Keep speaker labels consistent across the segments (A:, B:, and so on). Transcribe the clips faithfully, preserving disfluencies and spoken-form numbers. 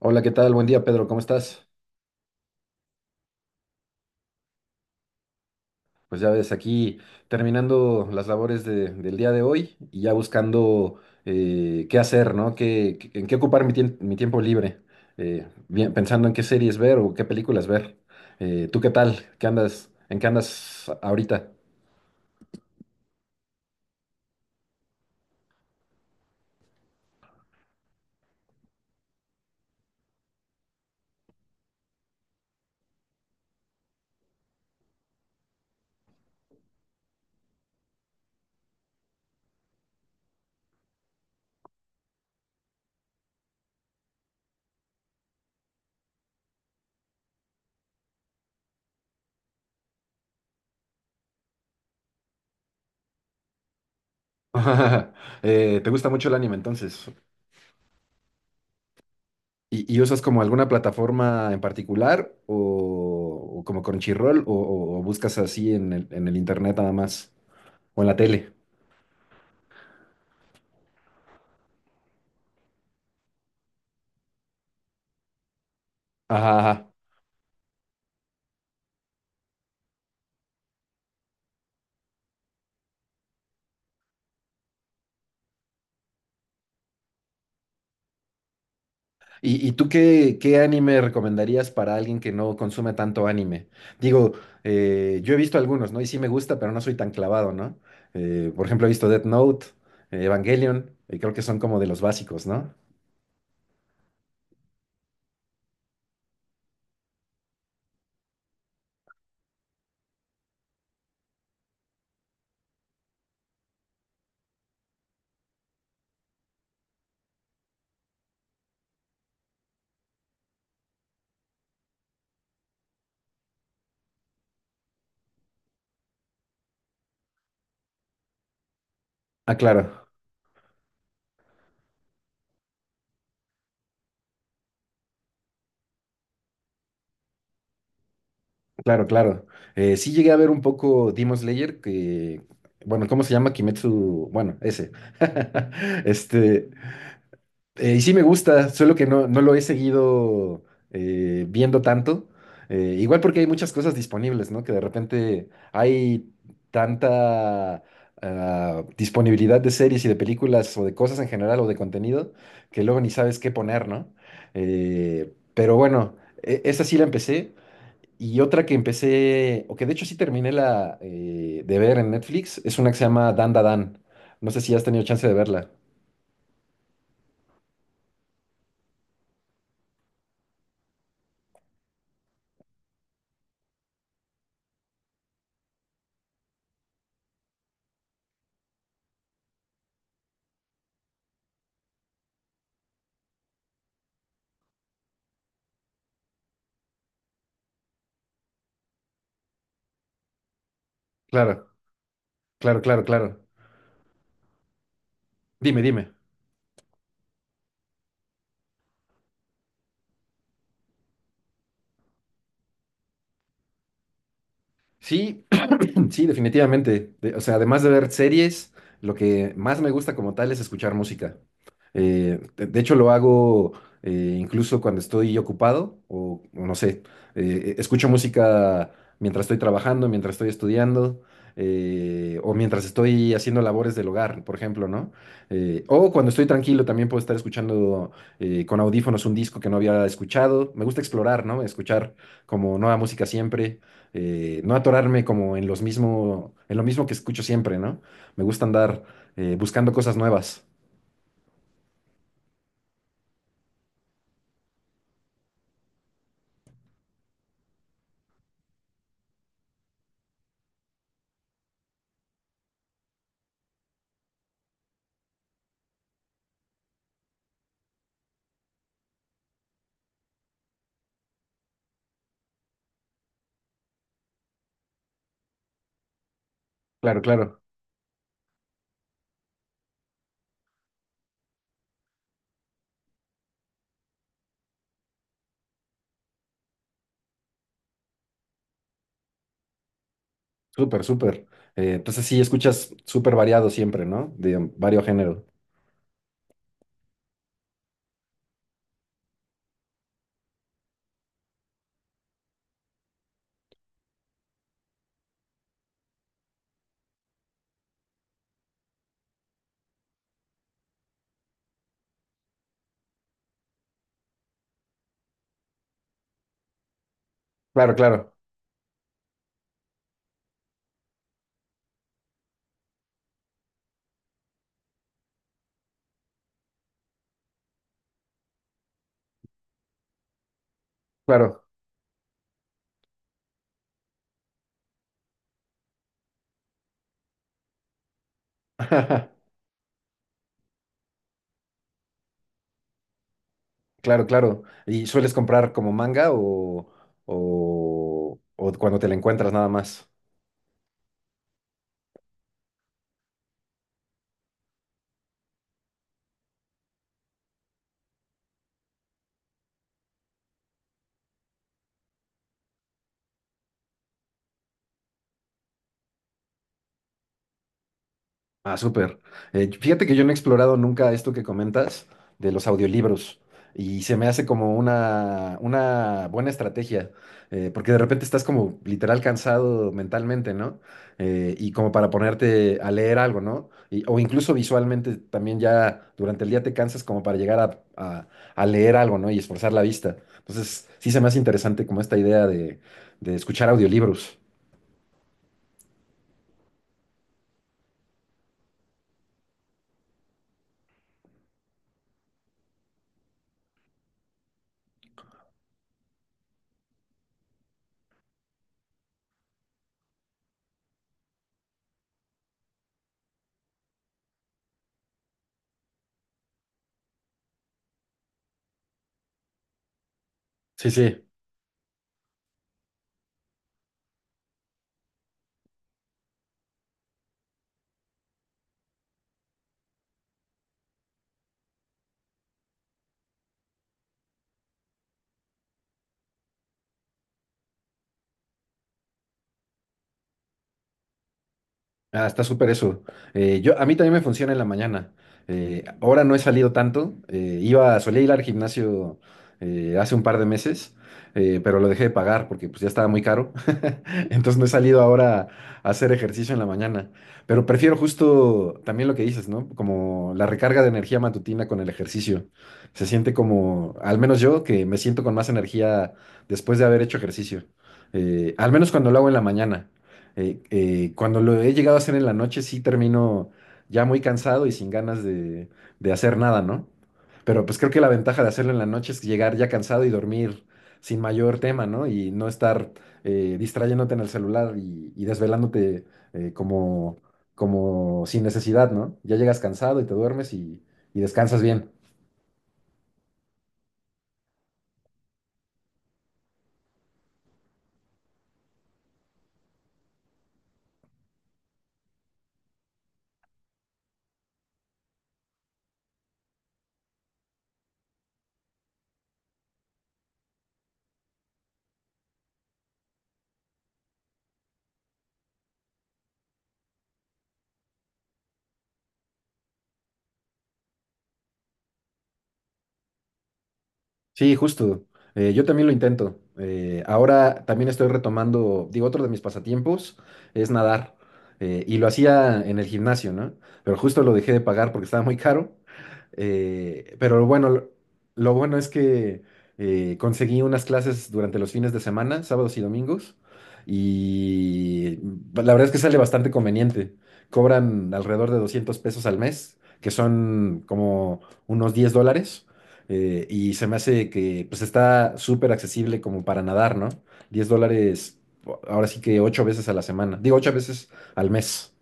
A: Hola, ¿qué tal? Buen día, Pedro, ¿cómo estás? Pues ya ves, aquí terminando las labores de- del día de hoy y ya buscando eh, qué hacer, ¿no? ¿Qué, qué- en qué ocupar mi, tiem- mi tiempo libre? Eh, bien, pensando en qué series ver o qué películas ver. Eh, ¿tú qué tal? ¿Qué andas, en qué andas ahorita? Eh, ¿te gusta mucho el anime entonces? ¿Y, y usas como alguna plataforma en particular o, o como Crunchyroll o, o- o buscas así en el, en el internet nada más o en la tele? Ajá, ajá. ¿Y, y tú qué, qué anime recomendarías para alguien que no consume tanto anime? Digo, eh, yo he visto algunos, ¿no? Y sí me gusta, pero no soy tan clavado, ¿no? Eh, por ejemplo, he visto Death Note, eh, Evangelion, y creo que son como de los básicos, ¿no? Ah, claro, claro, claro. Eh, sí llegué a ver un poco Demon Slayer, que, bueno, ¿cómo se llama? Kimetsu, bueno, ese. Este. Eh, y sí me gusta, solo que no, no lo he seguido eh, viendo tanto. Eh, igual porque hay muchas cosas disponibles, ¿no? Que de repente hay tanta ah, disponibilidad de series y de películas o de cosas en general o de contenido que luego ni sabes qué poner, ¿no? Eh, pero bueno, e- esa sí la empecé. Y otra que empecé, o que de hecho sí terminé la eh, de ver en Netflix, es una que se llama Dan Da Dan. No sé si has tenido chance de verla. Claro, claro, claro, claro. Dime, dime. Sí, sí, definitivamente. De- o sea, además de ver series, lo que más me gusta como tal es escuchar música. Eh, de, de hecho, lo hago eh, incluso cuando estoy ocupado o, o no sé, eh, e, escucho música mientras estoy trabajando, mientras estoy estudiando eh, o mientras estoy haciendo labores del hogar, por ejemplo, ¿no? Eh, o cuando estoy tranquilo también puedo estar escuchando eh, con audífonos un disco que no había escuchado. Me gusta explorar, ¿no? Escuchar como nueva música siempre, eh, no atorarme como en los mismo, en lo mismo que escucho siempre, ¿no? Me gusta andar eh, buscando cosas nuevas. Claro, claro. Súper, súper. Eh, entonces sí, escuchas súper variado siempre, ¿no? De varios géneros. Claro, claro, claro. Claro, claro. ¿Y sueles comprar como manga o, o, o cuando te la encuentras nada más? Ah, súper. Eh, fíjate que yo no he explorado nunca esto que comentas de los audiolibros y se me hace como una, una buena estrategia, eh, porque de repente estás como literal cansado mentalmente, ¿no? Eh, y como para ponerte a leer algo, ¿no? Y o incluso visualmente también ya durante el día te cansas como para llegar a, a- a leer algo, ¿no? Y esforzar la vista. Entonces, sí se me hace interesante como esta idea de, de escuchar audiolibros. Sí, sí. Ah, está súper eso. Eh, yo, a mí también me funciona en la mañana. Eh, ahora no he salido tanto. Eh, iba, solía ir al gimnasio eh, hace un par de meses, eh, pero lo dejé de pagar porque pues, ya estaba muy caro. Entonces no he salido ahora a hacer ejercicio en la mañana. Pero prefiero justo también lo que dices, ¿no? Como la recarga de energía matutina con el ejercicio. Se siente como, al menos yo, que me siento con más energía después de haber hecho ejercicio. Eh, al menos cuando lo hago en la mañana, eh, eh, cuando lo he llegado a hacer en la noche, sí termino ya muy cansado y sin ganas de, de hacer nada, ¿no? Pero pues creo que la ventaja de hacerlo en la noche es llegar ya cansado y dormir sin mayor tema, ¿no? Y no estar eh, distrayéndote en el celular y, y desvelándote eh, como, como sin necesidad, ¿no? Ya llegas cansado y te duermes y, y descansas bien. Sí, justo. Eh, yo también lo intento. Eh, ahora también estoy retomando, digo, otro de mis pasatiempos es nadar. Eh, y lo hacía en el gimnasio, ¿no? Pero justo lo dejé de pagar porque estaba muy caro. Eh, pero bueno, lo, lo bueno es que eh, conseguí unas clases durante los fines de semana, sábados y domingos. Y la verdad es que sale bastante conveniente. Cobran alrededor de doscientos pesos al mes, que son como unos diez dólares. Eh, y se me hace que pues está súper accesible como para nadar, ¿no? Diez dólares, ahora sí que ocho veces a la semana. Digo, ocho veces al mes.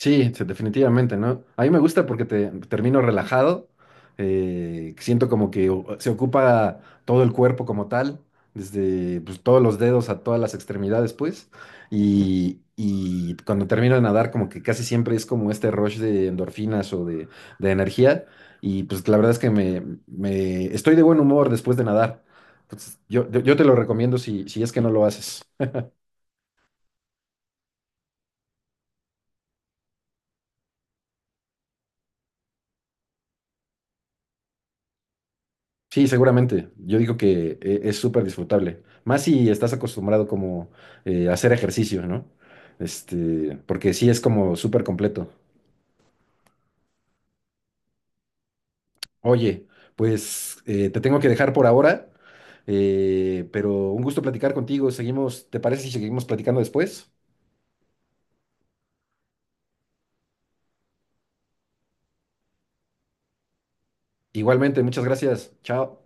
A: Sí, sí, definitivamente, ¿no? A mí me gusta porque te termino relajado, eh, siento como que o- se ocupa todo el cuerpo como tal, desde pues, todos los dedos a todas las extremidades, pues, y, y cuando termino de nadar como que casi siempre es como este rush de endorfinas o de, de energía, y pues la verdad es que me, me- estoy de buen humor después de nadar. Entonces, yo, yo, yo te lo recomiendo si, si es que no lo haces. Sí, seguramente. Yo digo que eh, es súper disfrutable. Más si estás acostumbrado como eh, a hacer ejercicio, ¿no? Este, porque sí es como súper completo. Oye, pues eh, te tengo que dejar por ahora, eh, pero un gusto platicar contigo. Seguimos, ¿te parece si seguimos platicando después? Igualmente, muchas gracias. Chao.